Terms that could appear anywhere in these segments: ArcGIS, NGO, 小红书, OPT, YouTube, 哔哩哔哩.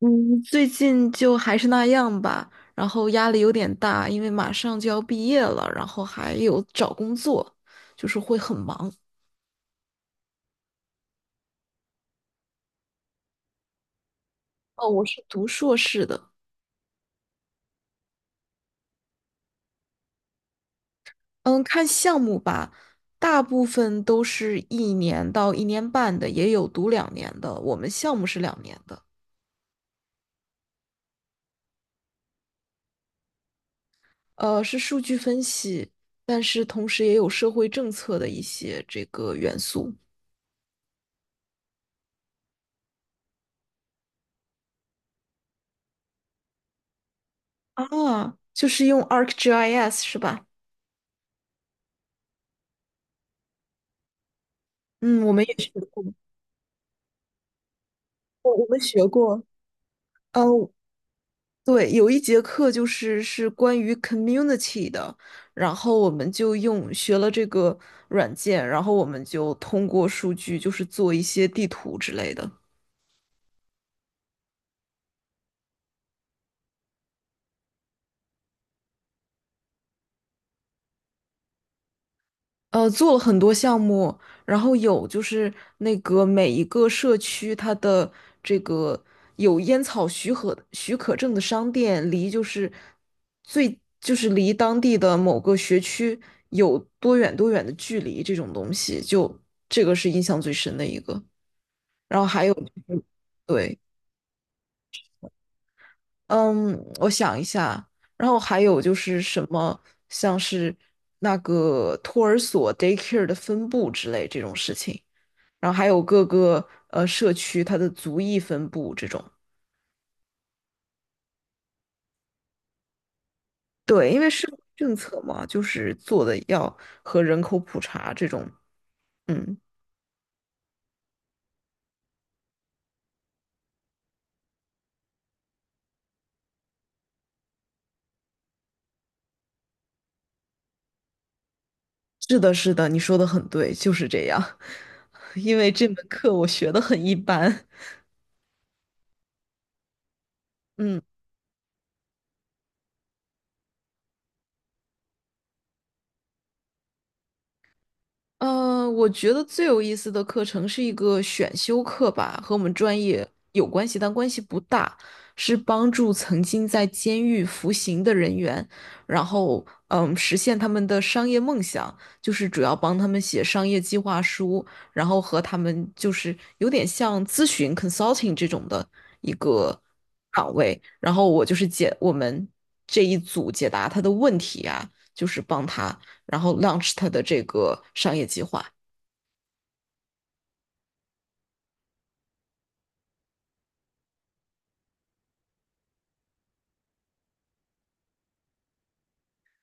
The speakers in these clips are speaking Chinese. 嗯，最近就还是那样吧，然后压力有点大，因为马上就要毕业了，然后还有找工作，就是会很忙。哦，我是读硕士的。嗯，看项目吧，大部分都是一年到1年半的，也有读两年的，我们项目是两年的。是数据分析，但是同时也有社会政策的一些这个元素。啊，就是用 ArcGIS 是吧？嗯，我们也学过，我们学过。哦，对，有一节课就是关于 community 的，然后我们就学了这个软件，然后我们就通过数据就是做一些地图之类的。做了很多项目，然后有就是那个每一个社区它的这个有烟草许可证的商店，离就是最就是离当地的某个学区有多远多远的距离，这种东西就这个是印象最深的一个。然后还有就是对，嗯，我想一下，然后还有就是什么像是那个托儿所 daycare 的分布之类这种事情。然后还有各个呃社区它的族裔分布这种。对，因为是政策嘛，就是做的要和人口普查这种。嗯，是的，是的，你说的很对，就是这样。因为这门课我学的很一般。嗯。我觉得最有意思的课程是一个选修课吧，和我们专业有关系，但关系不大，是帮助曾经在监狱服刑的人员，然后实现他们的商业梦想，就是主要帮他们写商业计划书，然后和他们就是有点像咨询 consulting 这种的一个岗位，然后我就是我们这一组解答他的问题啊，就是帮他。然后 launch 它的这个商业计划。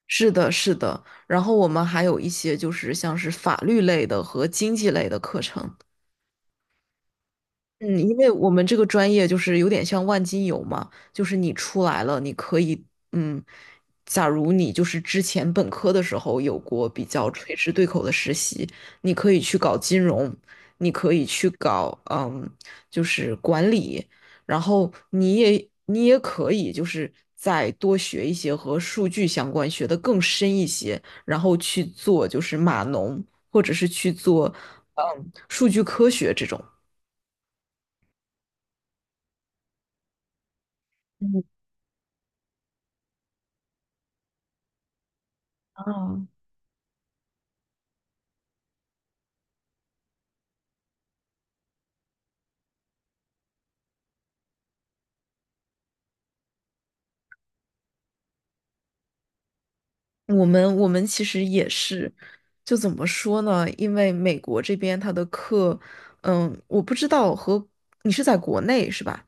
是的，是的。然后我们还有一些就是像是法律类的和经济类的课程。嗯，因为我们这个专业就是有点像万金油嘛，就是你出来了，你可以，嗯，假如你就是之前本科的时候有过比较垂直对口的实习，你可以去搞金融，你可以去搞，就是管理，然后你也可以就是再多学一些和数据相关，学得更深一些，然后去做就是码农，或者是去做，数据科学这种。嗯，我们其实也是，就怎么说呢？因为美国这边它的课，我不知道和你是在国内是吧？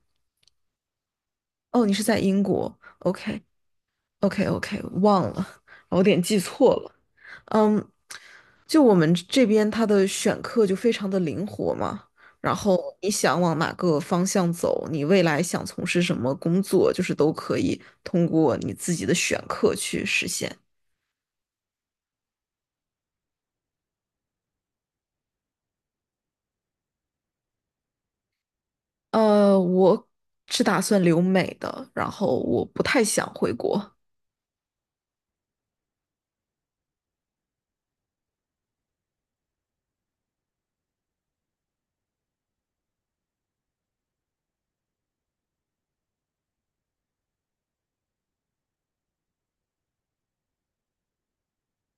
哦，你是在英国，OK OK OK，忘了，我有点记错了。嗯，就我们这边他的选课就非常的灵活嘛，然后你想往哪个方向走，你未来想从事什么工作，就是都可以通过你自己的选课去实现。我是打算留美的，然后我不太想回国。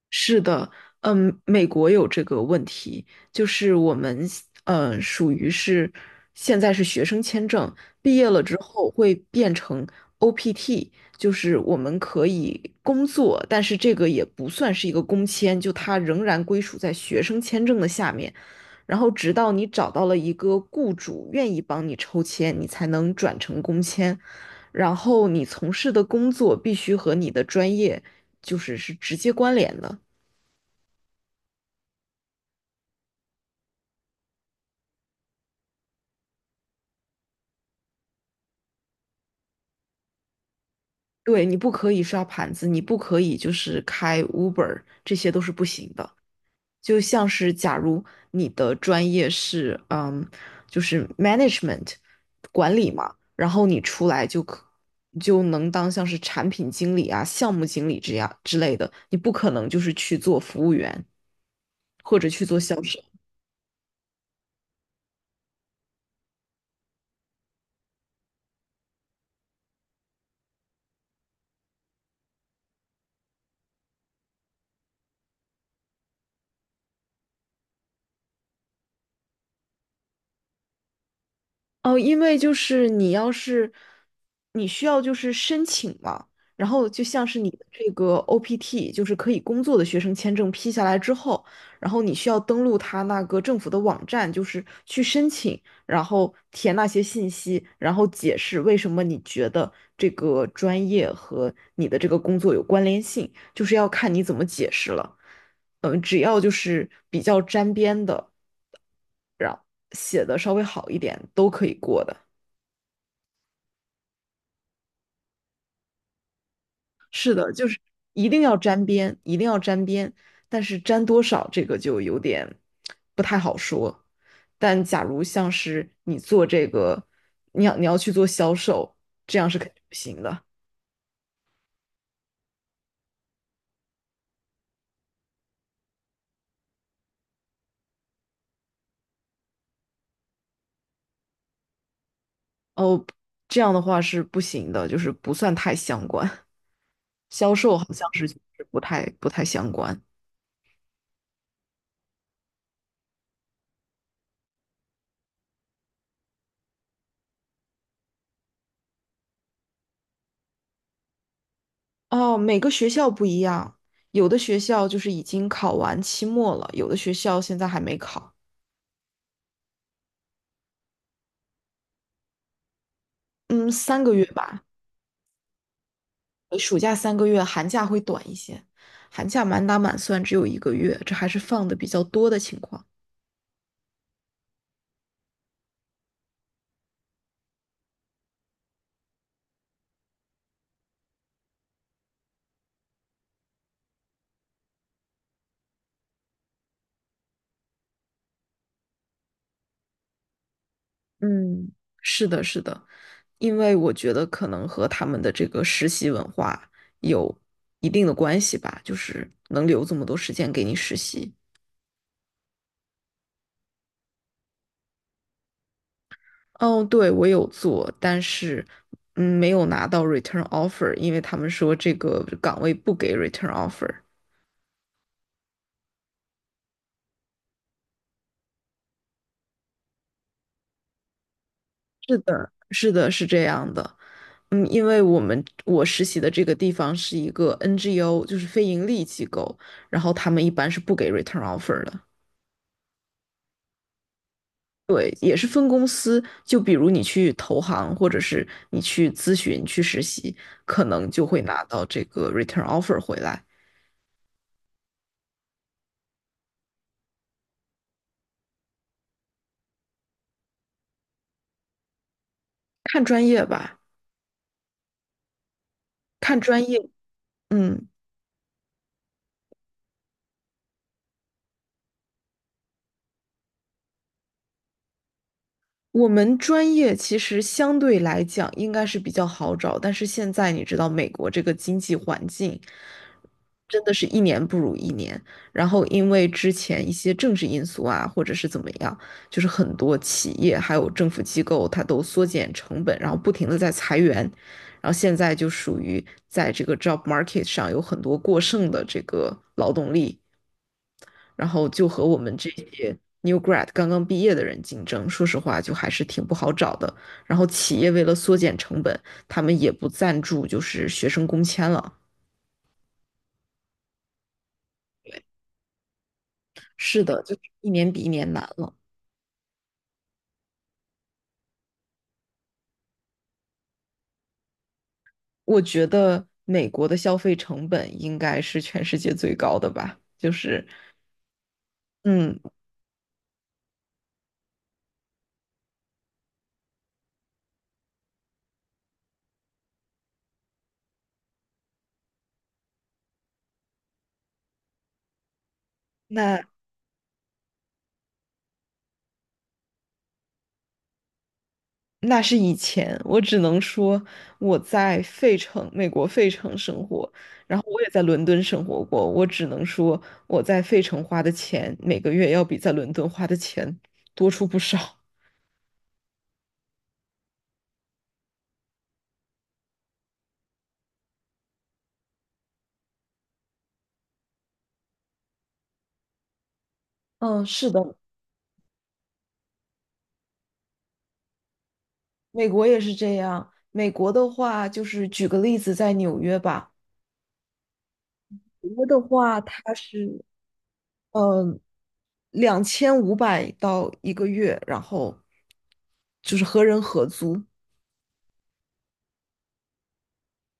是的，嗯，美国有这个问题，就是我们属于是现在是学生签证，毕业了之后会变成 OPT，就是我们可以工作，但是这个也不算是一个工签，就它仍然归属在学生签证的下面，然后直到你找到了一个雇主愿意帮你抽签，你才能转成工签，然后你从事的工作必须和你的专业是直接关联的。对，你不可以刷盘子，你不可以就是开 Uber，这些都是不行的。就像是假如你的专业是就是 management 管理嘛，然后你出来就能当像是产品经理啊、项目经理这样之类的，你不可能就是去做服务员或者去做销售。哦，因为就是你需要就是申请嘛，然后就像是你的这个 OPT，就是可以工作的学生签证批下来之后，然后你需要登录他那个政府的网站，就是去申请，然后填那些信息，然后解释为什么你觉得这个专业和你的这个工作有关联性，就是要看你怎么解释了。嗯，只要就是比较沾边的，然后写的稍微好一点，都可以过的。是的，就是一定要沾边，一定要沾边，但是沾多少这个就有点不太好说。但假如像是你做这个，你要去做销售，这样是肯定不行的。哦，这样的话是不行的，就是不算太相关。销售好像是就是不太相关。哦，每个学校不一样，有的学校就是已经考完期末了，有的学校现在还没考。嗯，三个月吧。暑假三个月，寒假会短一些，寒假满打满算只有一个月，这还是放的比较多的情况。嗯，是的，是的，因为我觉得可能和他们的这个实习文化有一定的关系吧，就是能留这么多时间给你实习。哦，对，我有做，但是没有拿到 return offer，因为他们说这个岗位不给 return offer。是的，是的，是这样的。嗯，因为我实习的这个地方是一个 NGO，就是非盈利机构，然后他们一般是不给 return offer 的。对，也是分公司，就比如你去投行，或者是你去咨询、去实习，可能就会拿到这个 return offer 回来。看专业吧，看专业。嗯，我们专业其实相对来讲应该是比较好找，但是现在你知道美国这个经济环境真的是一年不如一年，然后因为之前一些政治因素啊，或者是怎么样，就是很多企业还有政府机构它都缩减成本，然后不停的在裁员，然后现在就属于在这个 job market 上有很多过剩的这个劳动力。然后就和我们这些 new grad 刚刚毕业的人竞争，说实话就还是挺不好找的。然后企业为了缩减成本，他们也不赞助就是学生工签了。是的，就是一年比一年难了。我觉得美国的消费成本应该是全世界最高的吧，就是嗯，那那是以前，我只能说我在费城，美国费城生活，然后我也在伦敦生活过。我只能说我在费城花的钱，每个月要比在伦敦花的钱多出不少。嗯，是的，美国也是这样。美国的话，就是举个例子，在纽约吧，纽约的话，它是嗯2500到一个月，然后就是和人合租。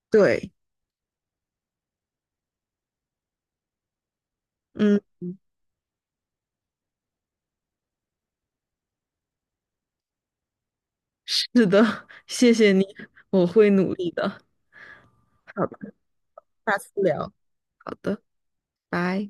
对，嗯。是的，谢谢你，我会努力的。好的，下次聊。好的，拜。